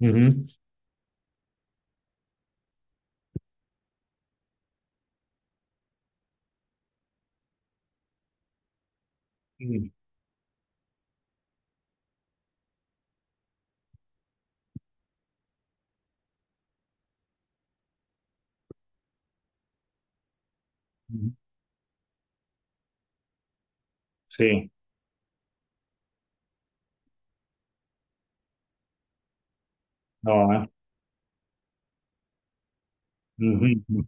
Mhm. Mhm. Sì, no, eh. Mhm.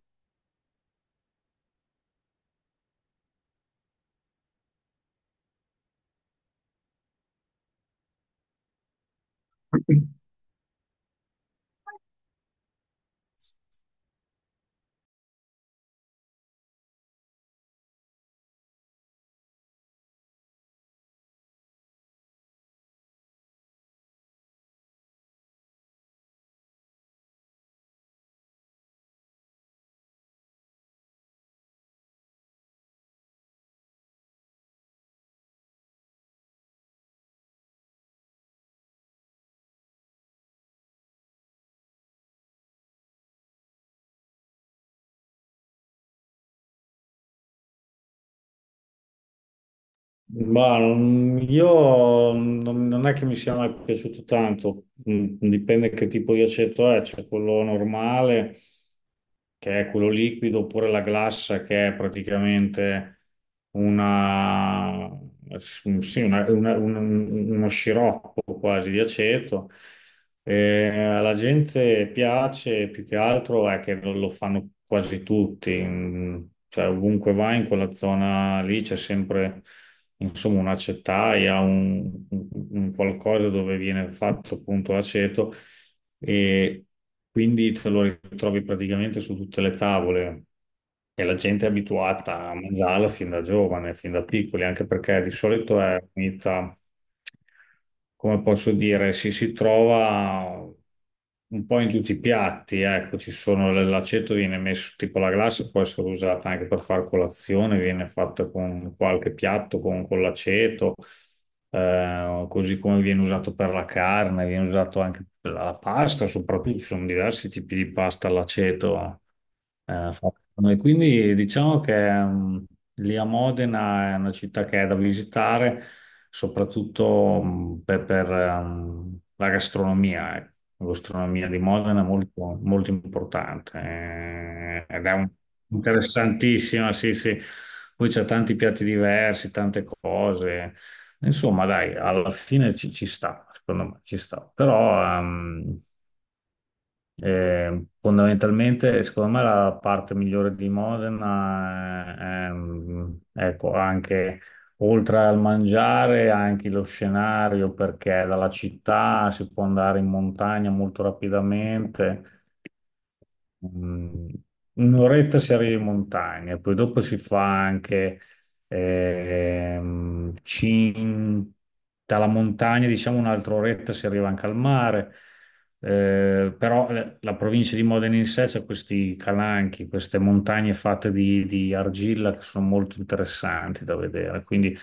Ma io non è che mi sia mai piaciuto tanto. Dipende che tipo di aceto è, c'è quello normale che è quello liquido oppure la glassa che è praticamente una, sì, uno sciroppo quasi di aceto. Alla gente piace più che altro è che lo fanno quasi tutti, cioè ovunque vai in quella zona lì c'è sempre insomma una acetaia, un qualcosa dove viene fatto appunto l'aceto e quindi te lo ritrovi praticamente su tutte le tavole, e la gente è abituata a mangiarla fin da giovane, fin da piccoli, anche perché di solito è unita, come posso dire, si trova un po' in tutti i piatti. Ecco, ci sono l'aceto, viene messo tipo la glassa, può essere usata anche per fare colazione, viene fatta con qualche piatto con l'aceto, così come viene usato per la carne, viene usato anche per la pasta, soprattutto ci sono diversi tipi di pasta all'aceto, fatta da noi. Quindi diciamo che, lì a Modena è una città che è da visitare, soprattutto per, la gastronomia. Ecco. La gastronomia di Modena è molto, molto importante, ed è interessantissima, sì, sì. Poi c'è tanti piatti diversi, tante cose. Insomma, dai, alla fine ci sta, secondo me ci sta. Però fondamentalmente, secondo me, la parte migliore di Modena è, ecco, anche oltre al mangiare, anche lo scenario, perché dalla città si può andare in montagna molto rapidamente. Mm. Un'oretta si arriva in montagna, poi dopo si fa anche ehm, cin- dalla montagna, diciamo un'altra oretta si arriva anche al mare. Però, la provincia di Modena in sé c'è questi calanchi, queste montagne fatte di argilla che sono molto interessanti da vedere, quindi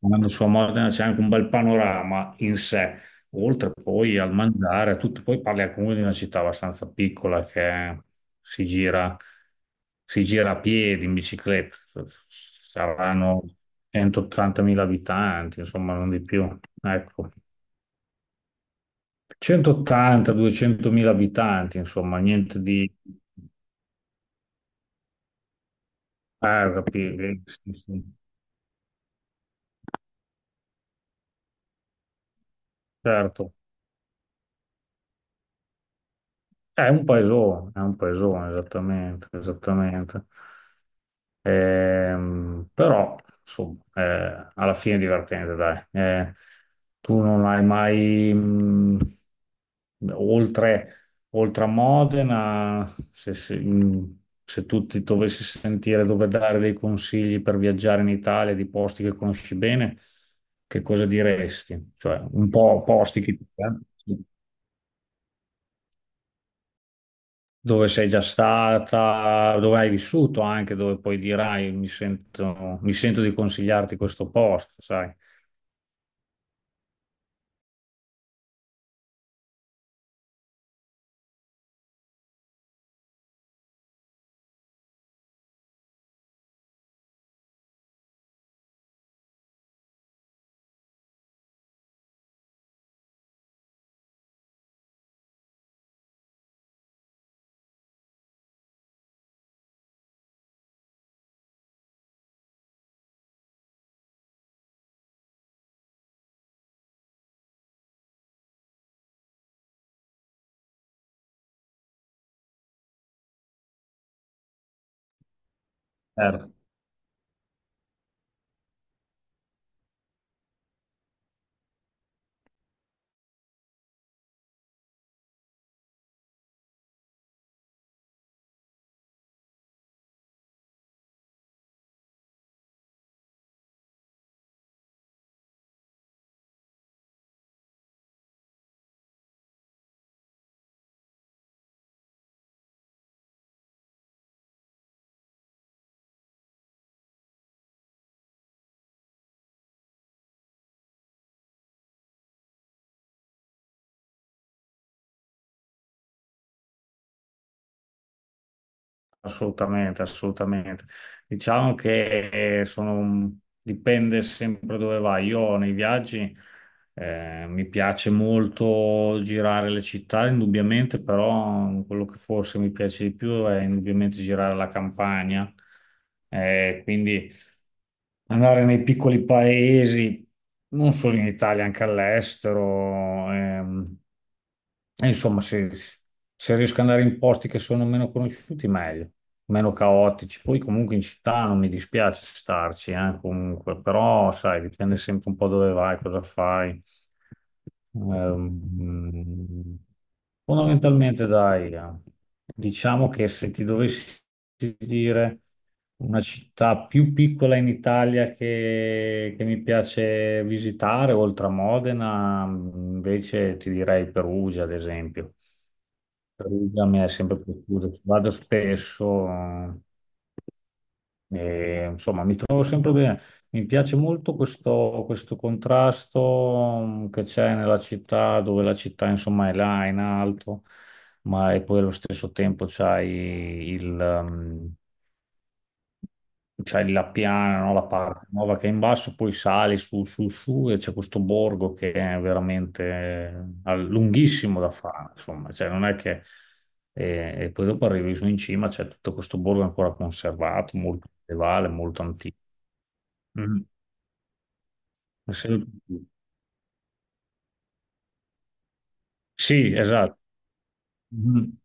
andando su a Modena c'è anche un bel panorama in sé, oltre poi al mangiare, a tutto. Poi parli comunque di una città abbastanza piccola che si gira, si gira a piedi, in bicicletta, saranno 180.000 abitanti, insomma, non di più. Ecco, 180-200.000 abitanti, insomma, niente di... Sì, sì, certo, è un paesone, esattamente, esattamente. Però, insomma, alla fine è divertente, dai. Tu non hai mai, oltre, oltre a Modena, se, se- mh, se tu ti dovessi sentire dove dare dei consigli per viaggiare in Italia, di posti che conosci bene, che cosa diresti? Cioè, un po' posti che... Eh? Dove sei già stata, dove hai vissuto anche, dove poi dirai mi sento, di consigliarti questo posto, sai? Certo. Assolutamente, assolutamente. Diciamo che, dipende sempre dove vai. Io nei viaggi, mi piace molto girare le città, indubbiamente, però quello che forse mi piace di più è indubbiamente girare la campagna. Quindi andare nei piccoli paesi, non solo in Italia, anche all'estero. E insomma, se riesco ad andare in posti che sono meno conosciuti, meglio, meno caotici. Poi comunque in città non mi dispiace starci, comunque, però sai, dipende sempre un po' dove vai, cosa fai. Ehm, fondamentalmente, dai, diciamo che, se ti dovessi dire una città più piccola in Italia che mi piace visitare, oltre a Modena, invece ti direi Perugia, ad esempio. Perugia mi è sempre piaciuto, ci vado spesso, e insomma, mi trovo sempre bene. Mi piace molto questo contrasto, che c'è nella città, dove la città, insomma, è là in alto, ma e poi allo stesso tempo c'hai il, mh, c'hai la piana, no? La parte nuova che è in basso, poi sali su, su, su e c'è questo borgo che è veramente, lunghissimo da fare, insomma, cioè non è che... E poi dopo arrivi su in cima, c'è tutto questo borgo ancora conservato, molto medievale, molto antico. Mhm. Sì, sì, esatto. Mhm.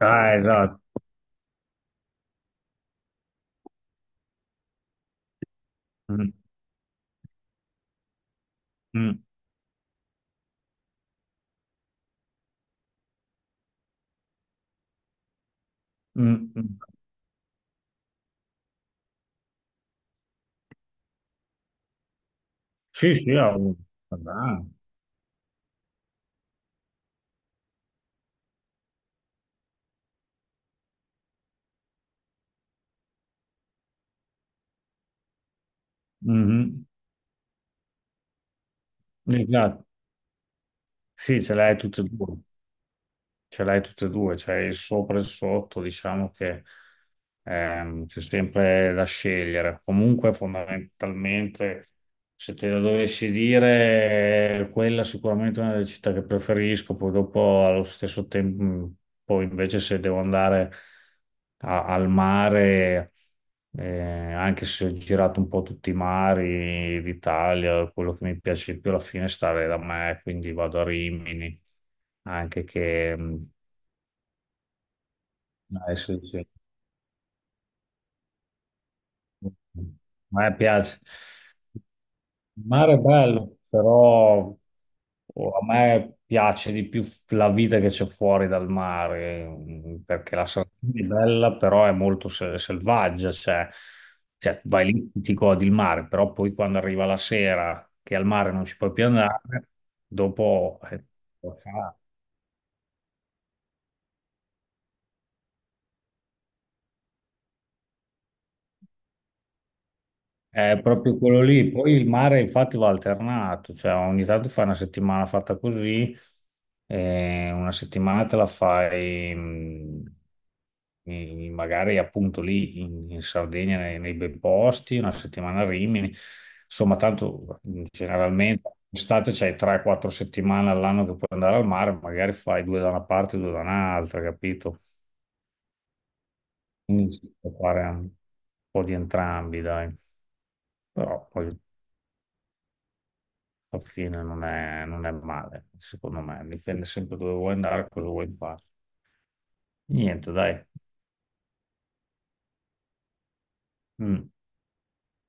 Ah, esatto. Mhm. Mhm. Mhm. Sì, sì, ah, ah. Mhm. Esatto. Sì, ce l'hai tutto, ce l'hai tutte e due, c'è il sopra e il sotto, diciamo che, c'è sempre da scegliere. Comunque, fondamentalmente, se te lo dovessi dire, quella è sicuramente una delle città che preferisco. Poi dopo, allo stesso tempo, poi invece se devo andare al mare, anche se ho girato un po' tutti i mari d'Italia, quello che mi piace di più alla fine è stare da me, quindi vado a Rimini, anche che... Sì, sì. A me piace. Il mare è bello, però oh, a me piace di più la vita che c'è fuori dal mare, perché la Sardegna è bella, però è molto selvaggia, cioè, vai lì, ti godi il mare, però poi quando arriva la sera che al mare non ci puoi più andare, dopo... cosa fai? È proprio quello lì. Poi il mare infatti va alternato, cioè ogni tanto fai una settimana fatta così, e una settimana te la fai magari appunto lì in, Sardegna, nei bei posti, una settimana a Rimini. Insomma, tanto generalmente estate c'hai 3-4 settimane all'anno che puoi andare al mare, magari fai due da una parte e due da un'altra, capito? Quindi si può fare un po' di entrambi, dai. Però poi alla fine non è male, secondo me. Dipende sempre dove vuoi andare, cosa vuoi fare. Niente, dai. Mm.